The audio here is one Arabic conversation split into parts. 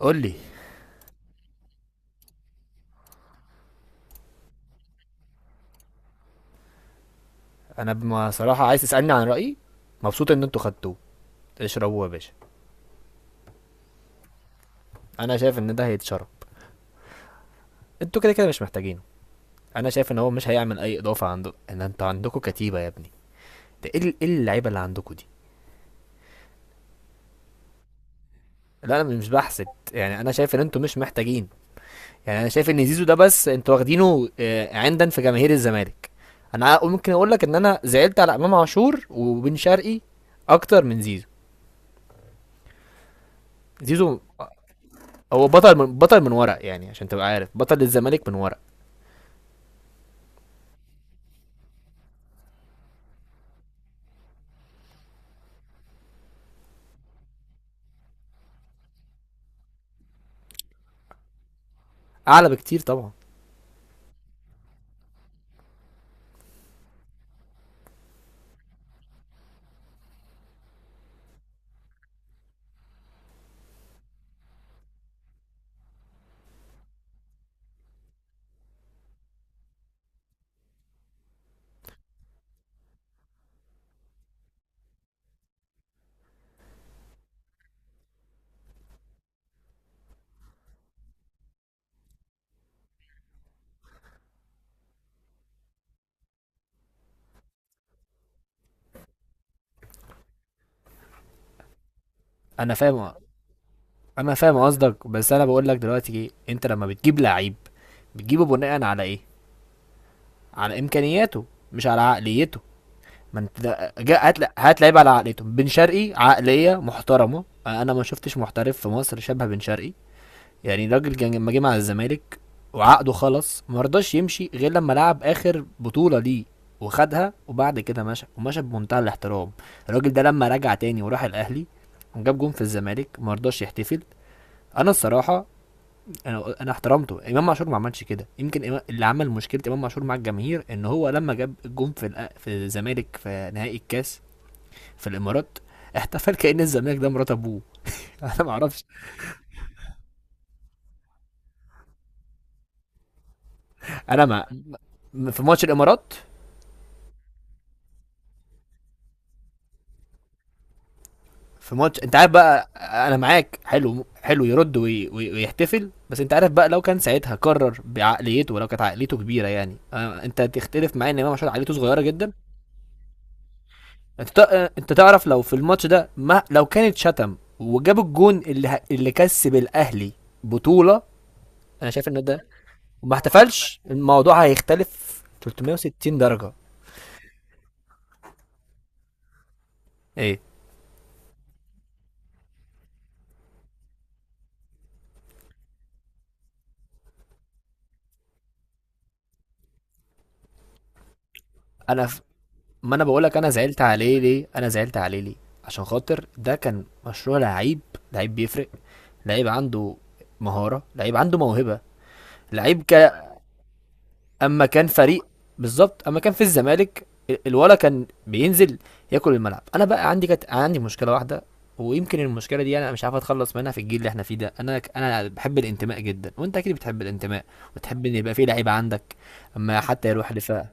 قول لي. انا بما صراحه عايز تسالني عن رايي، مبسوط ان انتوا خدتوه. اشربوه يا باشا. انا شايف ان ده هيتشرب، انتوا كده كده مش محتاجينه. انا شايف ان هو مش هيعمل اي اضافه، عنده ان انتوا عندكم كتيبه يا ابني. ده ايه ايه اللعيبه اللي عندكم دي؟ لا انا مش بحسد، يعني انا شايف ان انتوا مش محتاجين. يعني انا شايف ان زيزو ده بس انتوا واخدينه عندا في جماهير الزمالك. انا ممكن اقول لك ان انا زعلت على امام عاشور وبن شرقي اكتر من زيزو. زيزو هو بطل، من بطل من ورق، يعني عشان تبقى عارف بطل الزمالك من ورق. اعلى بكتير طبعا. انا فاهم. انا فاهم قصدك، بس انا بقول لك دلوقتي ايه، انت لما بتجيب لعيب بتجيبه بناء على ايه؟ على امكانياته، مش على عقليته. ما انت هات لعيب على عقليته. بن شرقي عقليه محترمه، انا ما شفتش محترف في مصر شبه بن شرقي. يعني الراجل كان لما جه مع الزمالك وعقده خلص، ما رضاش يمشي غير لما لعب اخر بطوله ليه وخدها، وبعد كده مشى، ومشى بمنتهى الاحترام. الراجل ده لما رجع تاني وراح الاهلي وجاب جون في الزمالك، ما رضاش يحتفل. انا الصراحه، انا احترمته. امام عاشور ما عملش كده، يمكن اللي عمل مشكله امام عاشور مع الجماهير ان هو لما جاب الجون في في الزمالك في نهائي الكاس في الامارات، احتفل. كان الزمالك ده مرات ابوه. انا ما اعرفش. انا ما في ماتش الامارات، في ماتش انت عارف بقى، انا معاك حلو، حلو يرد ويحتفل، بس انت عارف بقى لو كان ساعتها قرر بعقليته، لو كانت عقليته كبيره يعني، انت تختلف معايا ان امام عاشور عقليته صغيره جدا. انت ت... اه، انت تعرف لو في الماتش ده، ما لو كانت شتم وجاب الجون اللي اللي كسب الاهلي بطوله، انا شايف ان ده وما احتفلش الموضوع هيختلف 360 درجه. ايه؟ انا ف... ما انا بقولك انا زعلت عليه ليه، انا زعلت عليه ليه؟ عشان خاطر ده كان مشروع لعيب، لعيب بيفرق، لعيب عنده مهارة، لعيب عنده موهبة، لعيب ك... اما كان فريق، بالظبط اما كان في الزمالك الولا كان بينزل ياكل الملعب. انا بقى عندي، كانت عندي مشكلة واحدة، ويمكن المشكلة دي انا مش عارف اتخلص منها في الجيل اللي احنا فيه ده. انا بحب الانتماء جدا، وانت اكيد بتحب الانتماء وتحب ان يبقى في لعيب عندك اما حتى يروح دفاع.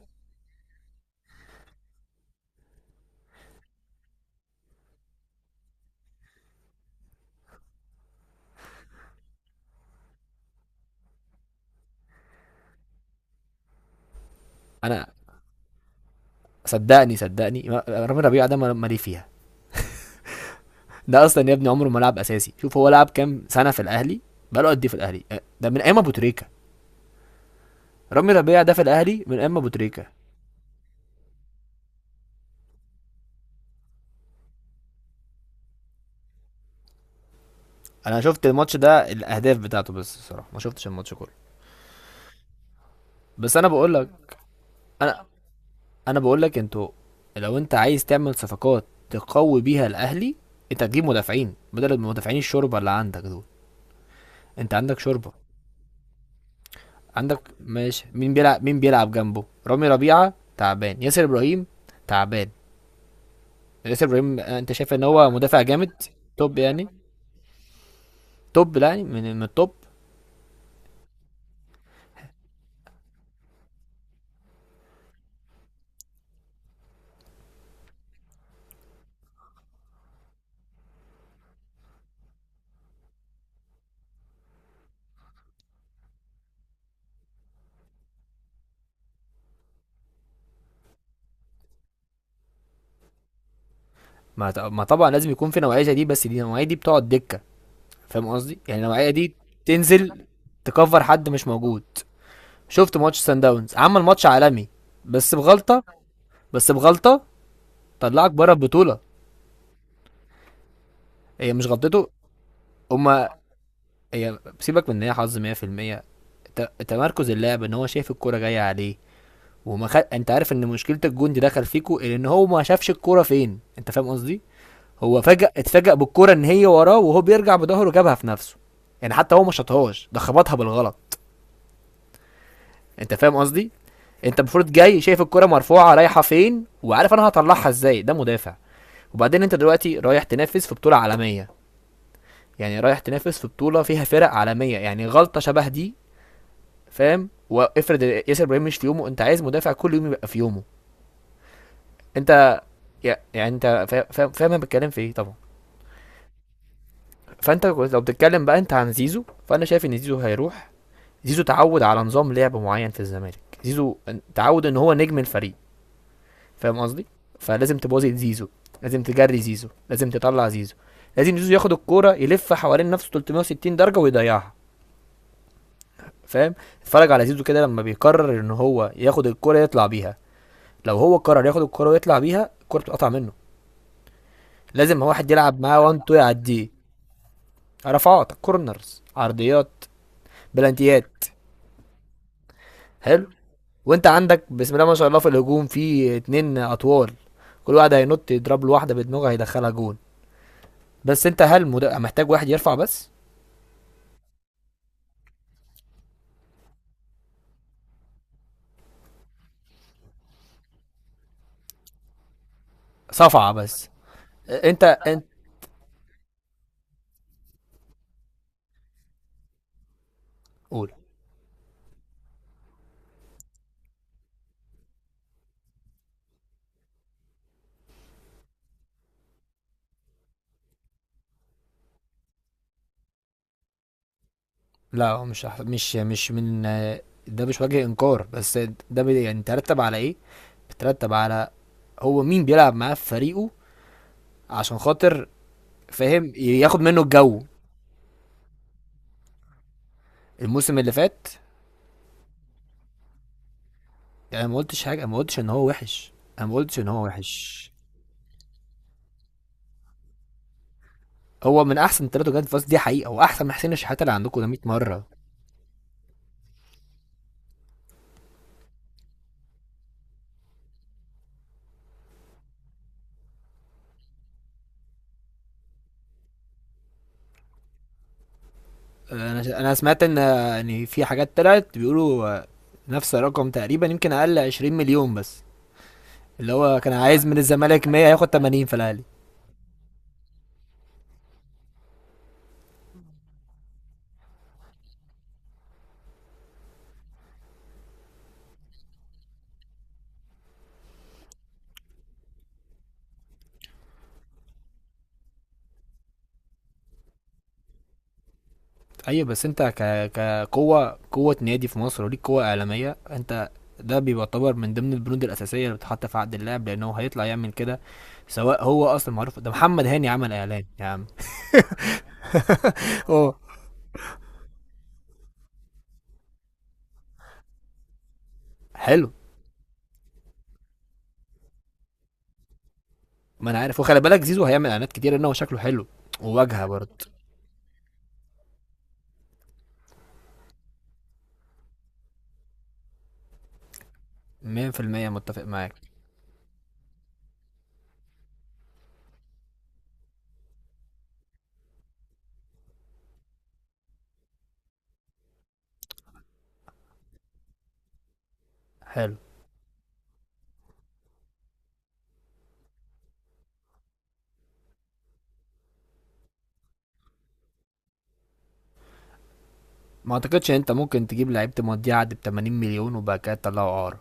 انا صدقني، صدقني، رامي ربيعة ده مالي فيها. ده اصلا يا ابني عمره ما لعب اساسي. شوف هو لعب كام سنه في الاهلي، بقاله قد ايه في الاهلي؟ ده من ايام ابو تريكه. رامي ربيع ده في الاهلي من ايام ابو تريكه. انا شفت الماتش ده، الاهداف بتاعته، بس الصراحه ما شفتش الماتش كله. بس انا بقول لك. انا انا بقول لك، انتوا لو انت عايز تعمل صفقات تقوي بيها الاهلي، انت تجيب مدافعين بدل المدافعين الشوربه اللي عندك دول. انت عندك شوربه. عندك ماشي، مين بيلعب، مين بيلعب جنبه؟ رامي ربيعه تعبان، ياسر ابراهيم تعبان. ياسر ابراهيم، انت شايف ان هو مدافع جامد؟ توب يعني، توب، لا يعني من من التوب. ما طبعا لازم يكون في نوعيه زي دي، بس دي النوعيه دي بتقعد دكه. فاهم قصدي؟ يعني النوعيه دي تنزل تكفر حد مش موجود. شفت ماتش سان داونز؟ عمل ماتش عالمي، بس بغلطه، بس بغلطه طلعك بره البطوله. هي مش غلطته، هما، هي سيبك من ان هي حظ، 100% تمركز اللاعب. ان هو شايف الكوره جايه عليه انت عارف ان مشكله الجون دي دخل فيكو ان هو ما شافش الكوره فين، انت فاهم قصدي؟ هو فجأة اتفاجأ بالكرة ان هي وراه، وهو بيرجع بظهره جابها في نفسه. يعني حتى هو ما شاطهاش، ده خبطها بالغلط. انت فاهم قصدي؟ انت المفروض جاي شايف الكرة مرفوعة، رايحة فين، وعارف انا هطلعها ازاي. ده مدافع. وبعدين انت دلوقتي رايح تنافس في بطولة عالمية، يعني رايح تنافس في بطولة فيها فرق عالمية، يعني غلطة شبه دي. فاهم؟ وافرض ياسر ابراهيم مش في يومه، انت عايز مدافع كل يوم يبقى في يومه. انت يعني انت فاهم، فاهم انا بتكلم في ايه طبعا. فانت لو بتتكلم بقى انت عن زيزو، فانا شايف ان زيزو هيروح. زيزو تعود على نظام لعب معين في الزمالك، زيزو تعود ان هو نجم الفريق. فاهم قصدي؟ فلازم تبوظي زيزو، لازم تجري زيزو، لازم تطلع زيزو، لازم زيزو ياخد الكوره يلف حوالين نفسه 360 درجه ويضيعها. فاهم؟ اتفرج على زيزو كده لما بيقرر ان هو ياخد الكوره يطلع بيها، لو هو قرر ياخد الكوره ويطلع بيها الكوره بتقطع منه، لازم واحد يلعب معاه وان تو يعديه. رفعات، كورنرز، عرضيات، بلانتيات. حلو. وانت عندك بسم الله ما شاء الله في الهجوم في اتنين اطوال، كل واحد هينط يضرب له واحده بدماغه هيدخلها جون. بس انت هل محتاج واحد يرفع بس. صفعه بس. انت قول. لا هو مش من، ده مش وجه انكار، بس ده يعني ترتب على ايه؟ بترتب على هو مين بيلعب معاه في فريقه عشان خاطر، فاهم، ياخد منه الجو. الموسم اللي فات. انا ما قلتش حاجه، ما قلتش ان هو وحش، انا ما قلتش ان هو وحش. هو من احسن ثلاثه، جاد فاس، دي حقيقه، واحسن من حسين الشحاته اللي عندكم ده 100 مره. انا سمعت ان في حاجات طلعت بيقولوا نفس الرقم تقريبا، يمكن اقل 20 مليون بس. اللي هو كان عايز من الزمالك 100، هياخد 80 في الاهلي. ايوه بس انت كقوه، قوه نادي في مصر وليك قوه اعلاميه انت. ده بيعتبر من ضمن البنود الاساسيه اللي بتتحط في عقد اللاعب، لانه هيطلع يعمل كده. سواء هو اصلا معروف، ده محمد هاني عمل اعلان يا عم. اه. حلو. ما انا عارف، وخلي بالك زيزو هيعمل اعلانات كتير ان هو شكله حلو وواجهه برضه. 100% متفق معاك. حلو. ما اعتقدش ان انت ممكن تجيب لعيب تمضيه عقد ب 80 مليون وبعد كده تطلعه اعاره.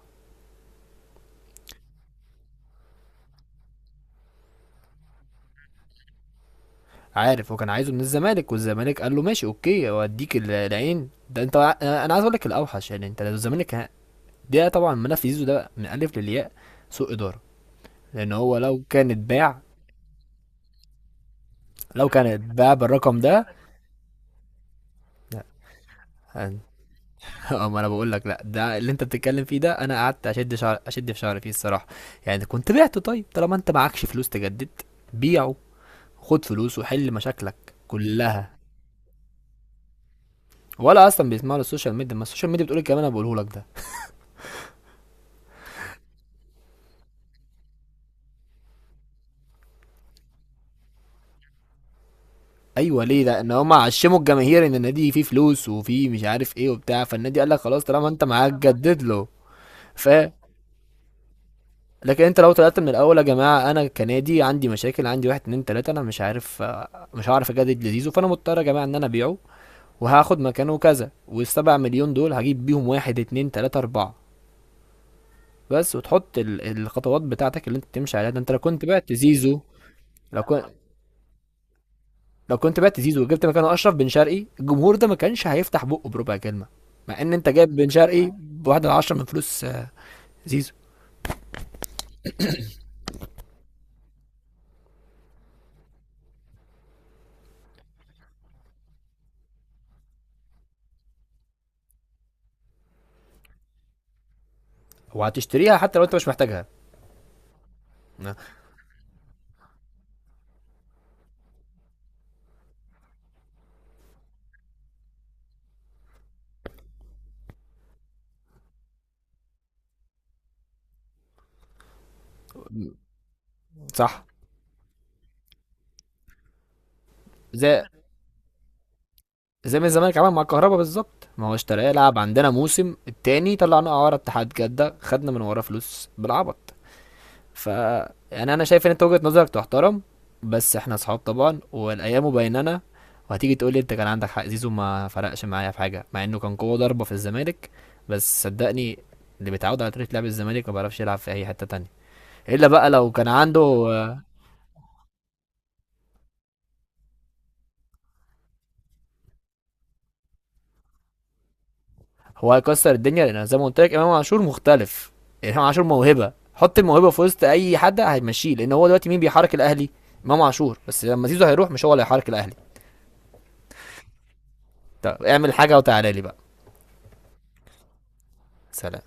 عارف، وكان عايزه من الزمالك، والزمالك قال له ماشي اوكي اوديك العين ده. انت، انا عايز اقول لك الاوحش. يعني انت لو الزمالك ده طبعا ملف زيزو ده من الف للياء سوء اداره. لان هو لو كان اتباع، لو كان اتباع بالرقم ده. لا. اه ما انا بقول لك لا، ده اللي انت بتتكلم فيه ده انا قعدت اشد شعر، اشد في شعري فيه الصراحه. يعني كنت بعته. طيب طالما انت معكش فلوس تجدد، بيعه، خد فلوس وحل مشاكلك كلها. ولا اصلا بيسمعوا للسوشيال ميديا؟ ما السوشيال ميديا بتقول الكلام اللي انا بقوله لك ده. ايوه. ليه؟ لان هم عشموا الجماهير ان النادي فيه فلوس وفيه مش عارف ايه وبتاع، فالنادي قال لك خلاص طالما انت معاك جدد له. ف لكن انت لو طلعت من الاول يا جماعه، انا كنادي عندي مشاكل، عندي واحد اتنين تلاته، انا مش عارف، مش هعرف اجدد لزيزو، فانا مضطر يا جماعه ان انا ابيعه وهاخد مكانه كذا، والسبع مليون دول هجيب بيهم واحد اتنين تلاتة اربعة بس، وتحط الخطوات بتاعتك اللي انت تمشي عليها. ده انت لو كنت بعت زيزو، لو كنت لو كنت بعت زيزو وجبت مكانه اشرف بن شرقي، الجمهور ده ما كانش هيفتح بقه بربع كلمة، مع ان انت جايب بن شرقي بواحد على عشرة من فلوس زيزو. وهتشتريها حتى لو انت مش محتاجها. آه، صح. زي، زي ما الزمالك عمل مع الكهرباء بالظبط. ما هو اشتراه لعب عندنا موسم، التاني طلعنا اعاره اتحاد جده خدنا من وراه فلوس بالعبط. ف يعني انا شايف ان انت وجهة نظرك تحترم، بس احنا اصحاب طبعا، والايام بيننا، وهتيجي تقول لي انت كان عندك حق. زيزو ما فرقش معايا في حاجه، مع انه كان قوه ضربه في الزمالك، بس صدقني اللي بيتعود على طريقه لعب الزمالك ما بيعرفش يلعب في اي حته تانية، الا بقى لو كان عنده هو هيكسر الدنيا لان زي ما قلت لك امام عاشور مختلف. امام عاشور موهبه، حط الموهبه في وسط اي حد هيمشيه، لان هو دلوقتي مين بيحرك الاهلي؟ امام عاشور بس، لما زيزو هيروح مش هو اللي هيحرك الاهلي. طب اعمل حاجه وتعالى لي بقى. سلام.